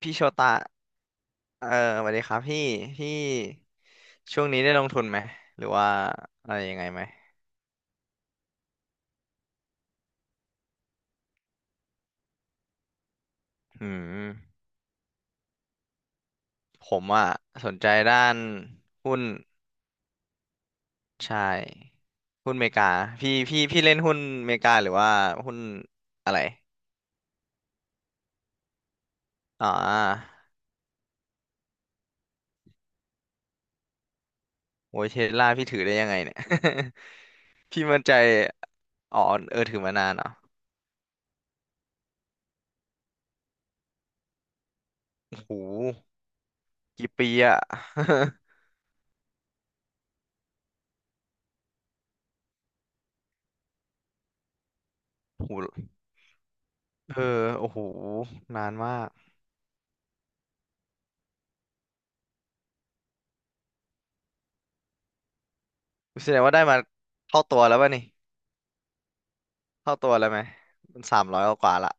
พี่โชตะเออสวัสดีครับพี่พี่ช่วงนี้ได้ลงทุนไหมหรือว่าอะไรยังไงไหม อืม ผมอ่ะสนใจด้านหุ้นใช่หุ้นเมกาพี่เล่นหุ้นเมกาหรือว่าหุ้นอะไรอ่าโอ้ยเทสลาพี่ถือได้ยังไงเนี่ย พี่มั่นใจอ๋อเออถือมานานเหรอ่ะโอ้โหกี่ปีอ่ะ โอ้โหเออโอ้โหนานมาก แสดงว่าได้มาเท่าตัวแล้วป่ะนี่เท่าตัวแล้วไหมมันสามร้อยกว่าละ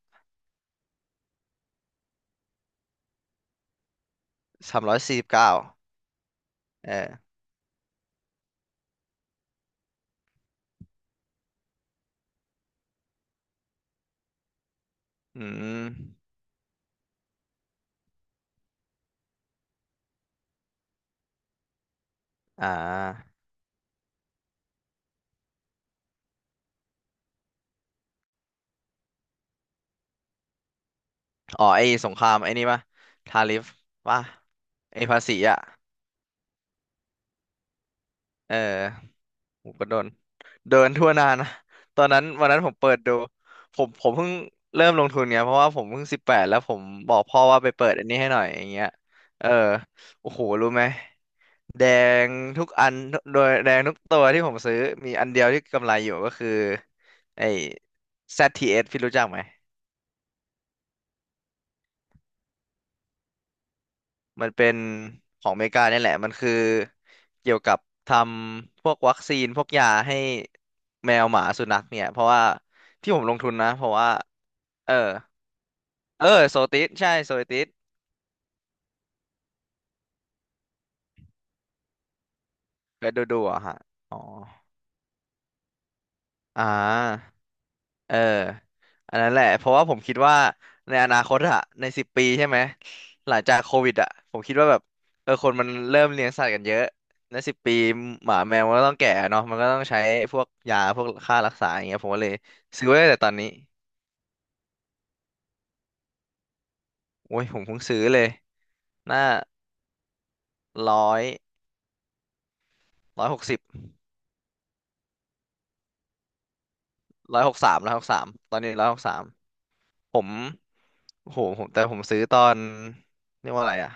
สามร้อยสี่สิบเก้าเอออืมอ่าอ๋อไอ้สงครามไอ้นี่ป่ะทาริฟป่ะไอ้ภาษีอ่ะเออผมก็โดนโดนทั่วหน้านะตอนนั้นวันนั้นผมเปิดดูผมเพิ่งเริ่มลงทุนไงเพราะว่าผมเพิ่งสิบแปดแล้วผมบอกพ่อว่าไปเปิดอันนี้ให้หน่อยอย่างเงี้ยเออโอ้โหรู้ไหม แดงทุกอันโดยแดงทุกตัวที่ผมซื้อมีอันเดียวที่กำไรอยู่ก็คือไอ้แซดทีเ t สพี่รู้จักไหมมันเป็นของอเมริกาเนี่ยแหละมันคือเกี่ยวกับทำพวกวัคซีนพวกยาให้แมวหมาสุนัขเนี่ยเพราะว่าที่ผมลงทุนนะเพราะว่าเออเออโซติสใช่โซติสเคยดูดูเหรอ่ะฮะอ๋ออ่า เอออันนั้นแหละเพราะว่าผมคิดว่าในอนาคตอะในสิบปีใช่ไหมหลังจากโควิดอะผมคิดว่าแบบเออคนมันเริ่มเลี้ยงสัตว์กันเยอะในสิบปีหมาแมวมันก็ต้องแก่เนาะมันก็ต้องใช้พวกยาพวกค่ารักษาอย่างเงี้ยผมก็เลยซื้อไว้ตั้งแต่ตอนนี้โอ้ยผมเพิ่งซื้อเลยหน้าร้อยร้อยหกสิบร้อยหกสามร้อยหกสามตอนนี้ร้อยหกสามผมโอ้โหผมแต่ผมซื้อตอนเรียกว่าอะไรอะ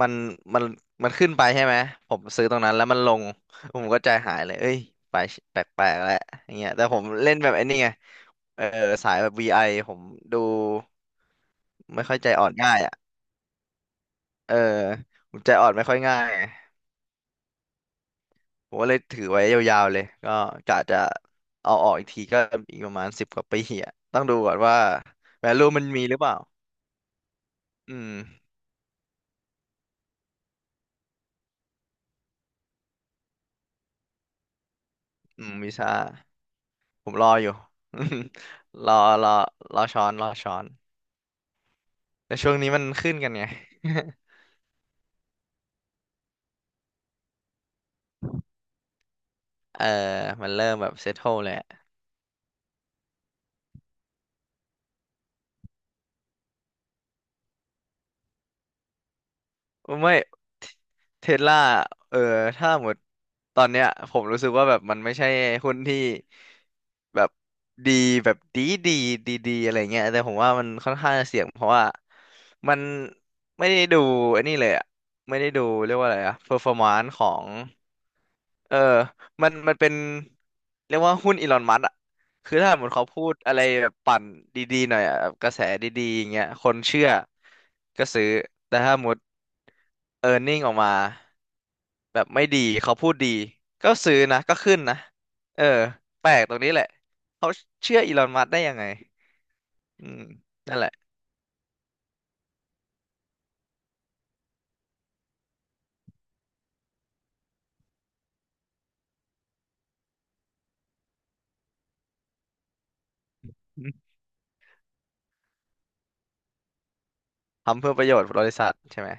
มันมันมันขึ้นไปใช่ไหมผมซื้อตรงนั้นแล้วมันลง ผมก็ใจหายเลยเอ้ยไปแปลกๆแล้วอย่างเงี้ยแต่ผมเล่นแบบไอ้นี่ไงเออสายแบบ VI ผมดูไม่ค่อยใจอ่อนง่ายอ่ะเออผมใจอ่อนไม่ค่อยง่ายไงผมก็เลยถือไว้ยาวๆเลยก็กะจะเอาออกอีกทีก็อีกประมาณสิบกว่าปีอ่ะต้องดูก่อนว่า value มันมีหรือเปล่าอืมอืมวิชาผมรออยู่ รอรอรอช้อนรอช้อน แต่ช่วงนี้มันขึ้นกันไง เออมันเริ่มแบบเซ t โ e เลยอะไม่ เทสลาเออ ถ้าหมดตอนเนี้ยผมรู้สึกว่าแบบมันไม่ใช่หุ้นที่แบบดีแบบดีดีดีดีอะไรเงี้ยแต่ผมว่ามันค่อนข้างจะเสี่ยงเพราะว่ามันไม่ได้ดูไอันนี้เลยอะไม่ได้ดูเรียกว่าอะไรอะเ e อร์ฟอร์มานซ์ของ เออมันเป็นเรียกว่าหุ้นอีลอนมัสก์อะคือถ้าสมมติเขาพูดอะไรแบบปั่นดีๆหน่อยอะแบบกระแสดีๆอย่างเงี้ยคนเชื่อก็ซื้อแต่ถ้าสมมติเออร์เน็งออกมาแบบไม่ดีเขาพูดดีก็ซื้อนะก็ขึ้นนะเออแปลกตรงนี้แหละเขาเชื่ออีลอนมัสก์ได้ยังไงอืมนั่นแหละทำเพื่อประโยชน์บริษัทใช่ไหม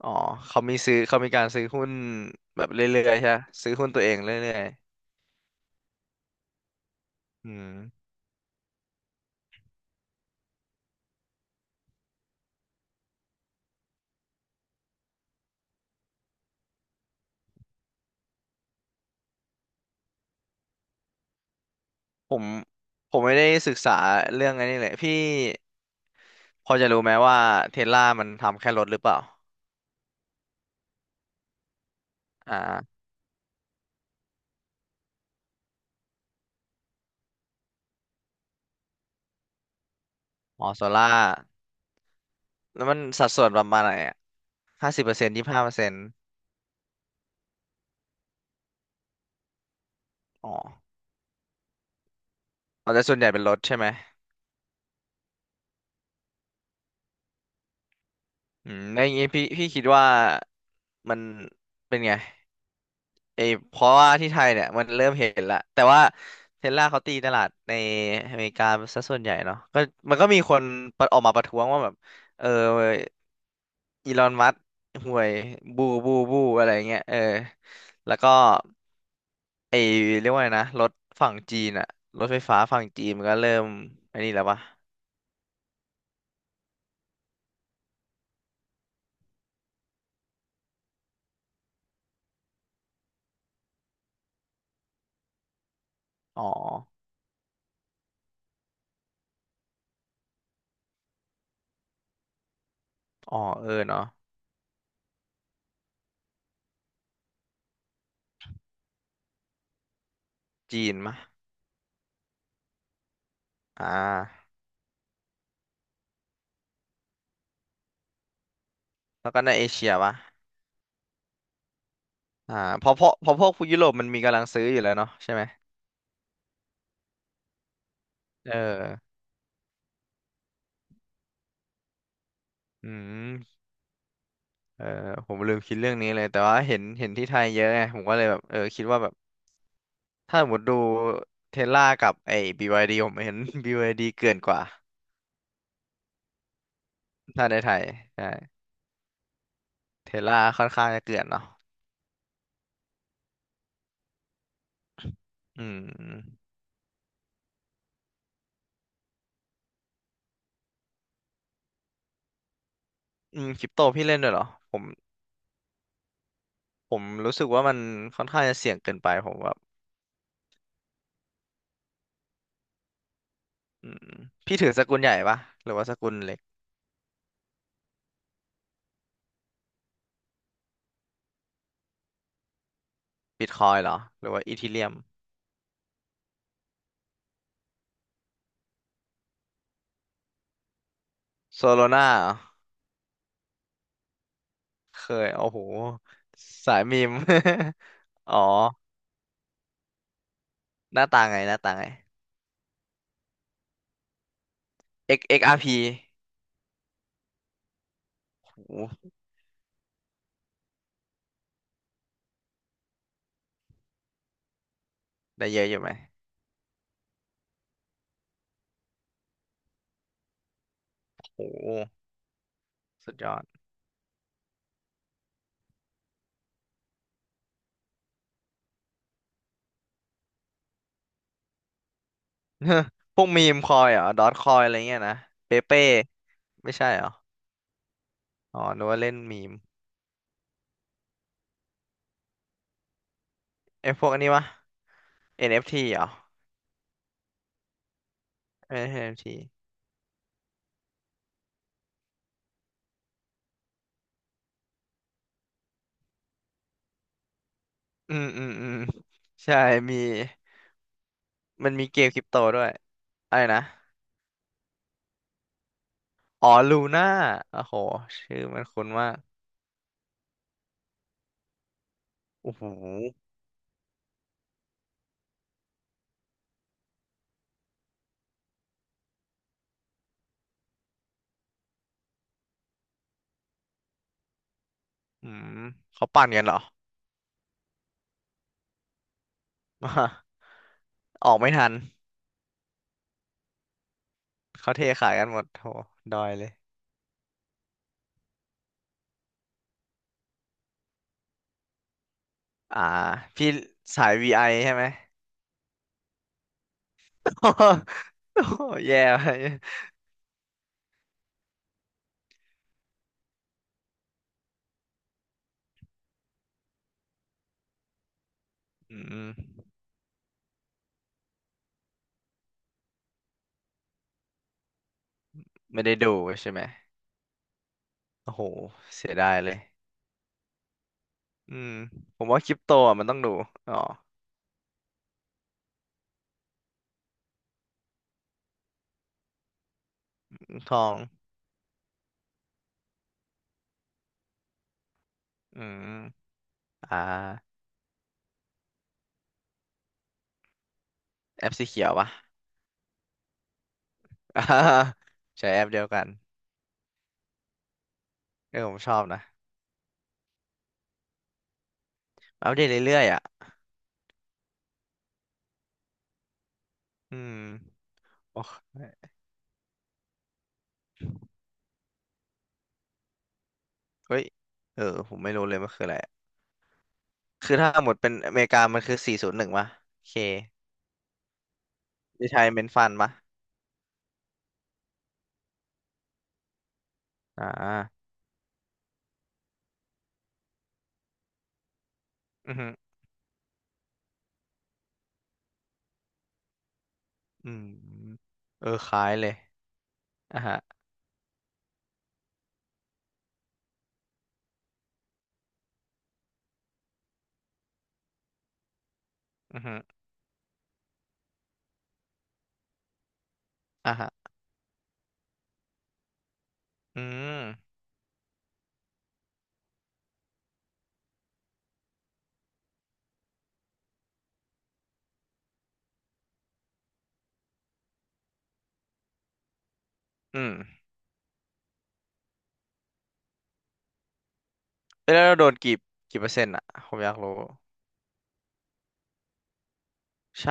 อ๋อเขามีซื้อเขามีการซื้อหุ้นแบบเรื่อยๆใช่ปะซื้อหุ้นตัวเองเรื่อยๆอืม ผมผมไม่ได้ศึกษาเรื่องอันนี้เลยพี่พอจะรู้ไหมว่าเทสลามันทำแค่รถหรือเปล่าอ่าอ๋อโซล่าแล้วมันสัดส่วนประมาณไหนอ่ะห้าสิบเปอร์เซ็นต์ยี่สิบห้าเปอร์เซ็นต์อ๋อเอาแต่ส่วนใหญ่เป็นรถใช่ไหมอืมในอย่างงี้พี่คิดว่ามันเป็นไงไอเพราะว่าที่ไทยเนี่ยมันเริ่มเห็นละแต่ว่าเทสลาเขาตีตลาดในอเมริกาซะส่วนใหญ่เนาะก็มันก็มีคนประออกมาประท้วงว่าแบบเออ อีลอนมัสก์ห่วยบูบูบูอะไรเงี้ยเออแล้วก็ไอเรียกว่าไงนะรถฝั่งจีนอะรถไฟฟ้าฝั่งจีนมันก็เริ่มไอ้นี่แล้วปะอ๋ออ๋อเออเนาะจีนมะอ่าแล้วก็ในเอเชียปะอ่าเพราะพวกผู้ยุโรปมันมีกำลังซื้ออยู่แล้วเนาะใช่ไหมเอออืมเออผมลืมคิดเรื่องนี้เลยแต่ว่าเห็นเห็นที่ไทยเยอะไงผมก็เลยแบบเออคิดว่าแบบถ้าสมมติดูเทสลากับไอ้บีวายดีผมเห็น บีวายดีเกินกว่า ถ้าในไทยใช่เทล่าค่อนข้างจะเกลื่อนเนาะ อืมอืมคริปโตพี่เล่นด้วยเหรอผมผมรู้สึกว่ามันค่อนข้างจะเสี่ยงเกินไปผมแบบอืมพี่ถือสกุลใหญ่ปะหรือว่าสกุลเล็กบิตคอยเหรอหรือว่าอีทีเรียมโซโลนาเคยโอ้โหสายมีม อ๋อหน้าตาไงหน้าตาไง X XRP โอ้โหได้เยอะอยู่ไหมโอ้โหสุดยอด พวกมีมคอยเหรอดอทคอยอะไรเงี้ยนะเปเป้ไม่ใช่เหรอ อ๋อนึกว่าเล่นมีมไอ้พวกอันนี้วะ NFT เอฟทีเหรอเออ NFT อนเอฟทีอืมใช่มีมันมีเกมคริปโตด้วยอะไรนะอ๋อลูน่าโอ้โหชื่อมันคุ้นมากโอ้โหอืมเขาปั่นกันเหรอ ออกไม่ทันเขาเทขายกันหมดโหดอยเลยอ่าพี่สาย VI ใช่ไหม โอ้โหแย่ไปอืมไม่ได้ดูใช่ไหมโอ้โหเสียดายเลย อืมผมว่าคริปโตอ่ะมันต้องดูอ๋อทองอืมอ่าแอปสีเขียวปะ ใช้แอปเดียวกันเออผมชอบนะอัปเดตเรื่อยๆอ่ะอืมโอ้เฮ้ยเออผมไม่รู้เลยมันคืออะไรคือถ้าหมดเป็นอเมริกามันคือ401ปะโอเค retirement fund ปะอ่าอือฮึอืมเออคล้ายเลยอ่ะฮะอือฮึอ่ะฮะอืมอืมแล้วเราโดนกี่เปอร์เซ็นต์อ่ะผมอยากรู้ใช่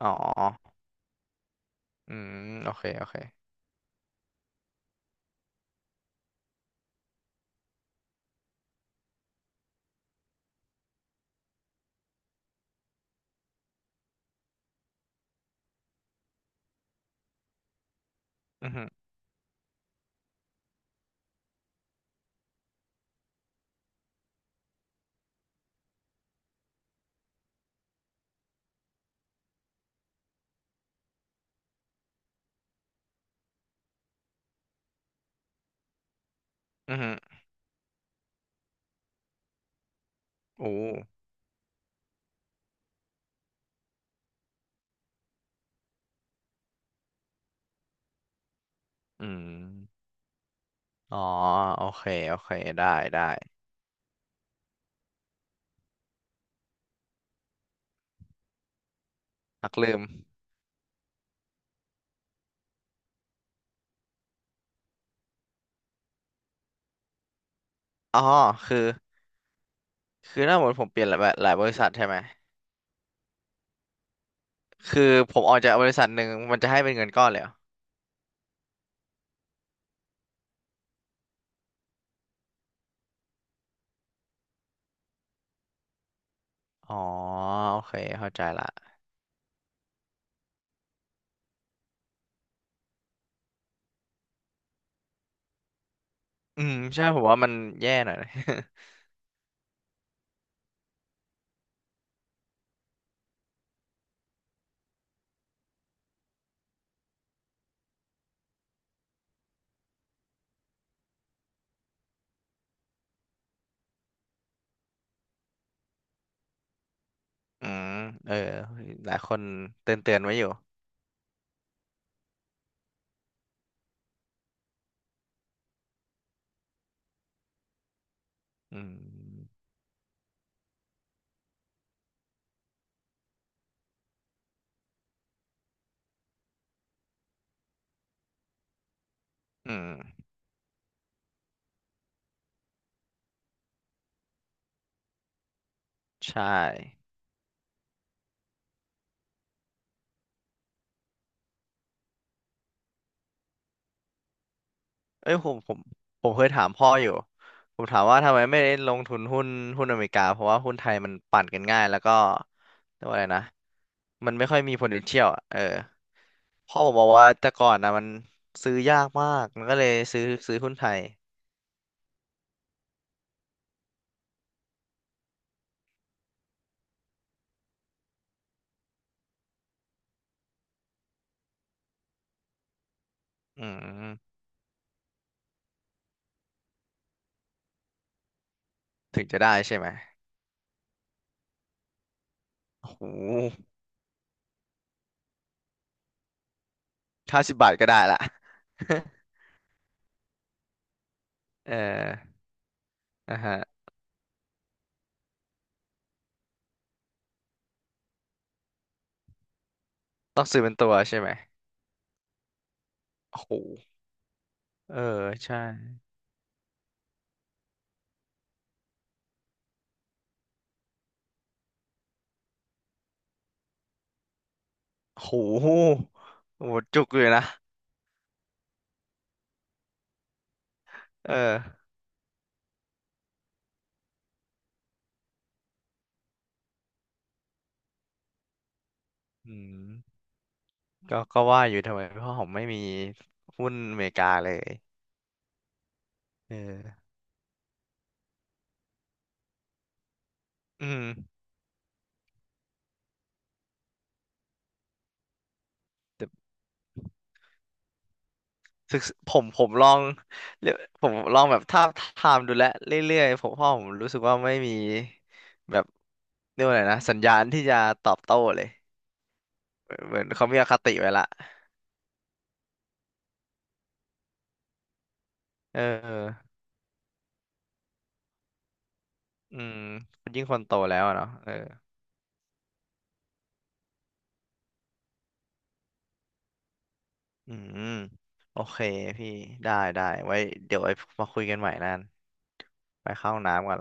อ๋อ อืมโอเคอือฮึอือฮึโอ้อืมอ๋อโอเคโอเคได้ได้นักลืมอ๋อคือคือถ้าหมดผมเปลี่ยนหลายบริษัทใช่ไหมคือผมออกจากบริษัทหนึ่งมันจะให้เป็นเงินก้อนเลยเหรออ๋อโอเคเข้าใจละอืมใช่ผมว่ามันแย่หน่อยนะ อืมเออหลายคนเตือนไว้อยู่อืมอืมใช่ เอ้ยผมผมเคยถามพ่ออยู่ผมถามว่าทำไมไม่ลงทุนหุ้นหุ้นอเมริกาเพราะว่าหุ้นไทยมันปั่นกันง่ายแล้วก็เรียกว่าอะไรนะมันไม่ค่อยมี potential อ่ะเออพ่อผมบอกว่าแต่ก่อนนะมันซื้อยากมากมันก็เลยซื้อหุ้นไทยอืมถึงจะได้ใช่ไหมโอ้โห50 บาทก็ได้ละ เอออ่ะฮะต้องซื้อเป็นตัวใช่ไหมโอ้โหเออใช่โอ้โหโอ้โหจุกเลยนะเอออืม ก็ว่าอยู่ทำไมเพราะผมไม่มีหุ้นอเมริกาเลยเอออืมแต่ศึกษผมลองเรียกผมลองแบบทาบทามดูแลวเรื่อยๆผมพ่อผมรู้สึกว่าไม่มีแบบเรียกว่าอะไรนะสัญญาณที่จะตอบโต้เลยเหมือนเขามีอคติไว้ละเอออืมยิ่งคนโตแล้วอะเนาะเอออืมโอเคพี่ได้ไว้เดี๋ยวไว้มาคุยกันใหม่นั่นไปเข้าห้องน้ำก่อน